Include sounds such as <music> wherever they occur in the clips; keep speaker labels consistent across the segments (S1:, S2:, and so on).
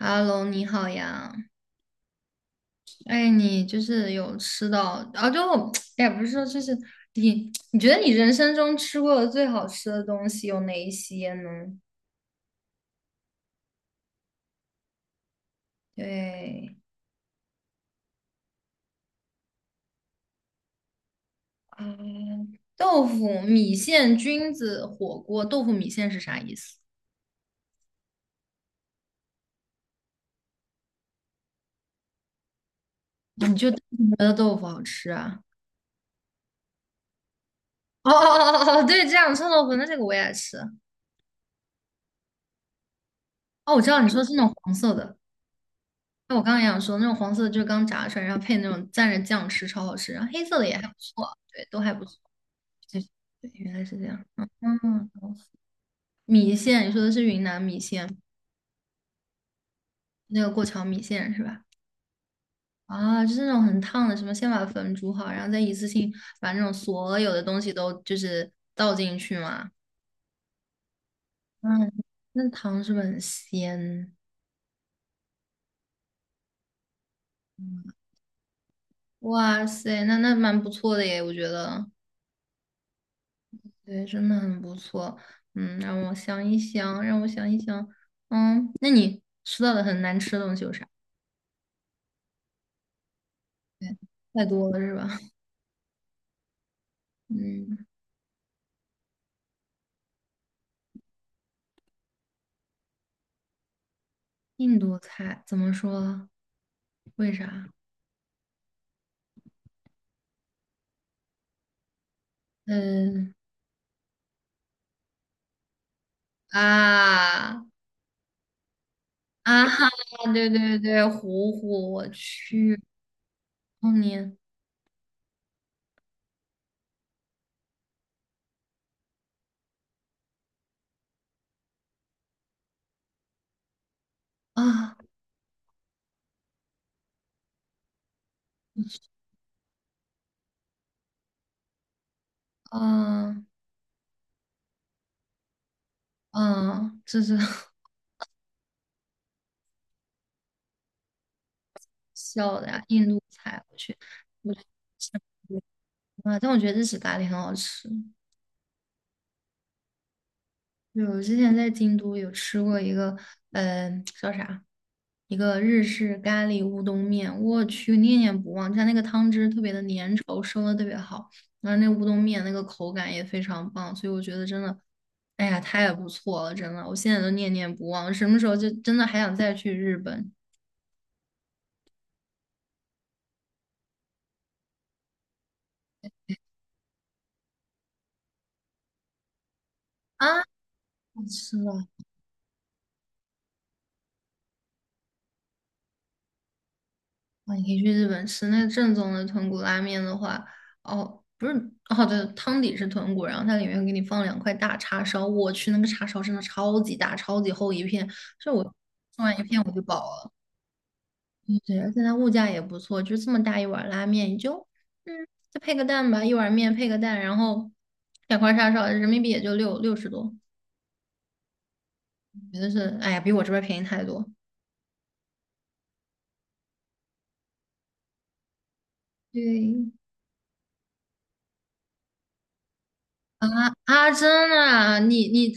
S1: h e 你好呀。哎，你就是有吃到啊？就 <tsk> 哎呀，不是说就是你觉得你人生中吃过的最好吃的东西有哪一些呢？对啊，豆腐、米线、菌子火锅。豆腐米线是啥意思？你就 <laughs> 单纯觉得豆腐好吃啊？哦哦哦哦哦，对，这样臭豆腐，那这个我也爱吃。哦，我知道你说是那种黄色的，那我刚刚也想说那种黄色的就是刚炸出来，然后配那种蘸着酱吃，超好吃。然后黑色的也还不错，对，都还不错。对，原来是这样，嗯嗯，懂米线，你说的是云南米线，那个过桥米线是吧？啊，就是那种很烫的，什么先把粉煮好，然后再一次性把那种所有的东西都就是倒进去嘛。嗯，那汤是不是很鲜？哇塞，那那蛮不错的耶，我觉得，对，真的很不错。嗯，让我想一想，让我想一想。嗯，那你吃到的很难吃的东西有啥？太多了是吧？嗯。印度菜怎么说？为啥？嗯啊 <laughs> 啊哈！对对对，糊糊，我去，后年，啊啊啊！这是 <laughs> 笑的呀，印度菜，我去，我去吃啊！但我觉得日式咖喱很好吃。对，我之前在京都有吃过一个，嗯，叫啥？一个日式咖喱乌冬面，我去，念念不忘。它那个汤汁特别的粘稠，收的特别好，然后那乌冬面那个口感也非常棒，所以我觉得真的，哎呀，太不错了，真的，我现在都念念不忘。什么时候就真的还想再去日本啊？是的，哇，你可以去日本吃那正宗的豚骨拉面的话，哦，不是，哦，对，汤底是豚骨，然后它里面会给你放两块大叉烧。我去，那个叉烧真的超级大，超级厚一片，就我吃完一片我就饱了。对对，而且它物价也不错，就这么大一碗拉面，你就嗯，再配个蛋吧，一碗面配个蛋，然后两块叉烧，人民币也就六十多，觉得是，哎呀，比我这边便宜太多。对，啊啊，真的啊，你，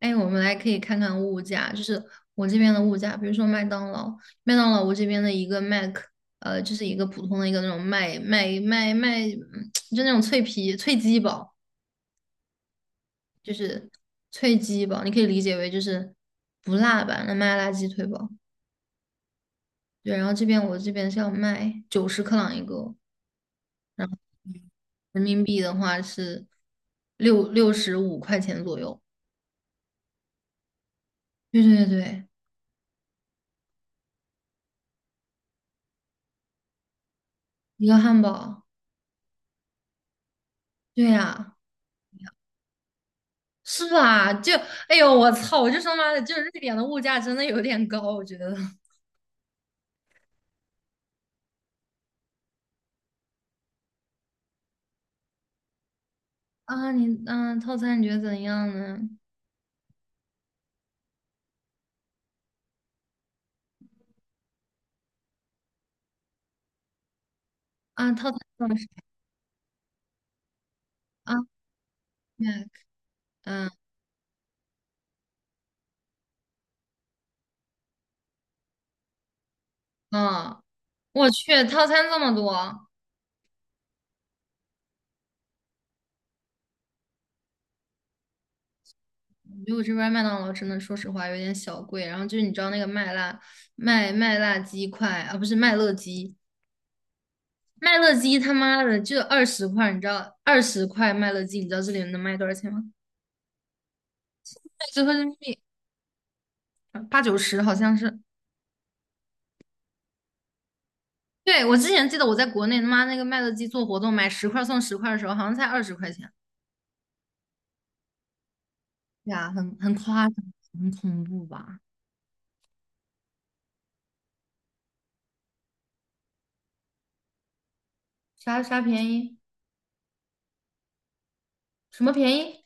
S1: 哎，我们来可以看看物价，就是我这边的物价，比如说麦当劳，麦当劳我这边的一个 Mac，就是一个普通的一个那种麦，嗯就那种脆鸡堡，就是脆鸡堡，你可以理解为就是不辣版的麦辣鸡腿堡。对，然后这边我这边是要卖90克朗一个，然后人民币的话是六十五块钱左右。对对对，一个汉堡。对呀，是吧？就，哎呦，我操！我就说妈的，就是瑞典的物价真的有点高，我觉得。<laughs> 啊，你嗯，套餐你觉得怎样呢？啊，套餐多少是啊 m 嗯啊，我去，套餐这么多，我觉得我这边麦当劳真的，说实话有点小贵。然后就是你知道那个麦辣鸡块啊，不是麦乐鸡，麦乐鸡他妈的就二十块，你知道二十块麦乐鸡，你知道这里能卖多少钱吗？<laughs> 折合人民币80、90好像是。对，我之前记得我在国内他妈那个麦乐鸡做活动买10块送10块的时候，好像才20块钱。对啊，很夸张，很恐怖吧？啥便宜？什么便宜？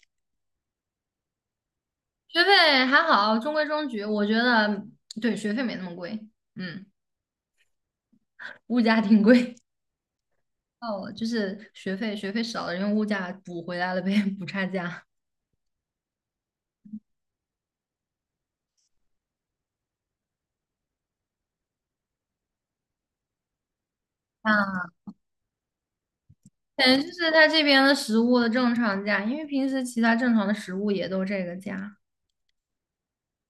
S1: 学费还好，中规中矩。我觉得对学费没那么贵，嗯，物价挺贵。哦，就是学费，学费少了，用物价补回来了呗，补差价。啊，感觉就是它这边的食物的正常价，因为平时其他正常的食物也都这个价。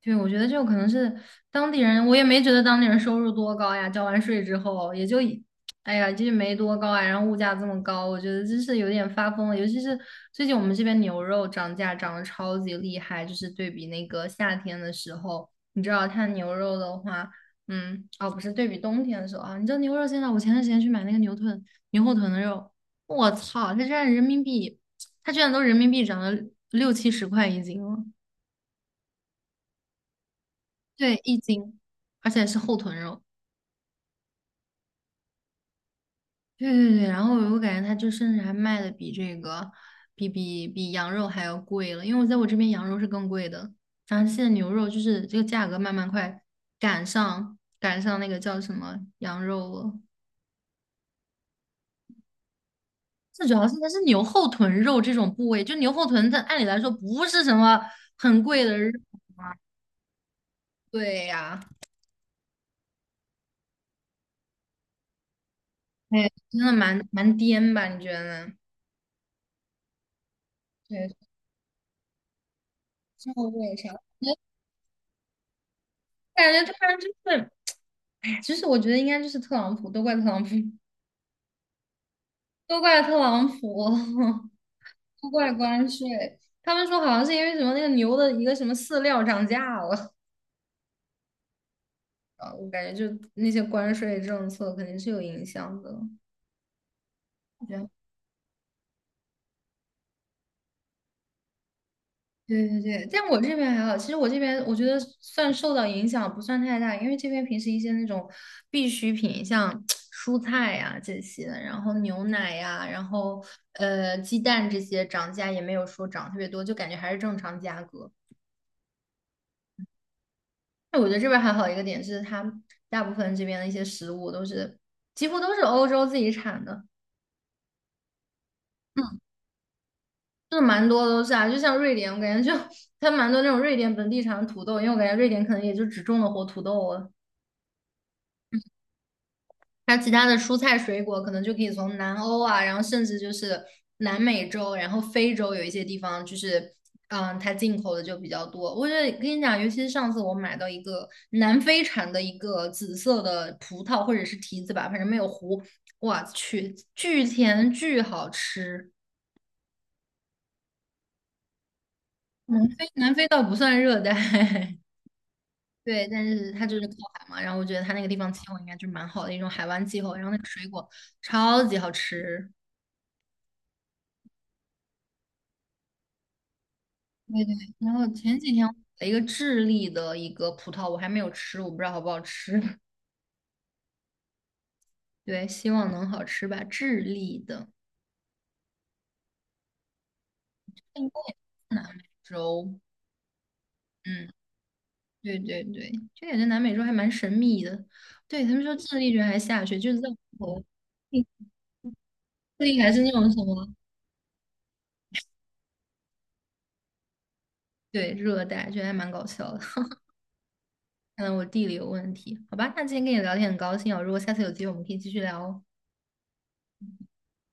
S1: 对，我觉得就可能是当地人，我也没觉得当地人收入多高呀，交完税之后也就一，哎呀，就是没多高啊，然后物价这么高，我觉得真是有点发疯了。尤其是最近我们这边牛肉涨价涨得超级厉害，就是对比那个夏天的时候，你知道它牛肉的话，嗯，哦，不是对比冬天的时候啊，你知道牛肉现在，我前段时间去买那个牛臀、牛后臀的肉，我操，它居然人民币，它居然都人民币涨了60、70块一斤了。对，一斤，而且是后臀肉。对对对，然后我感觉它就甚至还卖的比这个，比羊肉还要贵了，因为我在我这边羊肉是更贵的，然后现在牛肉就是这个价格慢慢快赶上那个叫什么羊肉了。最主要是它是牛后臀肉这种部位，就牛后臀，它按理来说不是什么很贵的肉。对呀、哎，真的蛮颠吧？你觉得呢对，之后我啥？我感觉突然就是哎，其实我觉得应该就是特朗普，都怪特朗普，<laughs> 都怪特朗普，<laughs> 都怪关税。他们说好像是因为什么那个牛的一个什么饲料涨价了，<laughs> 啊，我感觉就那些关税政策肯定是有影响的。对对对，但我这边还好。其实我这边我觉得算受到影响不算太大，因为这边平时一些那种必需品，像 <tsk> 蔬菜呀、这些，然后牛奶呀、然后鸡蛋这些涨价也没有说涨特别多，就感觉还是正常价格。那我觉得这边还好一个点是，它大部分这边的一些食物都是几乎都是欧洲自己产的。嗯，就是蛮多都是啊，就像瑞典，我感觉就 <laughs> 它蛮多那种瑞典本地产的土豆，因为我感觉瑞典可能也就只种的活土豆，它其他的蔬菜水果，可能就可以从南欧啊，然后甚至就是南美洲，然后非洲有一些地方就是，嗯，它进口的就比较多。我觉得跟你讲，尤其是上次我买到一个南非产的一个紫色的葡萄或者是提子吧，反正没有核，我去，巨甜巨好吃。南非倒不算热带。<laughs> 对，但是它就是靠海嘛，然后我觉得它那个地方气候应该就蛮好的一种海湾气候，然后那个水果超级好吃。对对，然后前几天我买了一个智利的一个葡萄，我还没有吃，我不知道好不好吃。<laughs> 对，希望能好吃吧。智利的 <laughs>，应该是南美洲。嗯，对对对，就感觉南美洲还蛮神秘的。对，他们说智利居然还下雪，就是在我们智利还是那种什么，对，热带，觉得还蛮搞笑的。<laughs> 看来我地理有问题。好吧，那今天跟你聊天很高兴哦，如果下次有机会我们可以继续聊哦。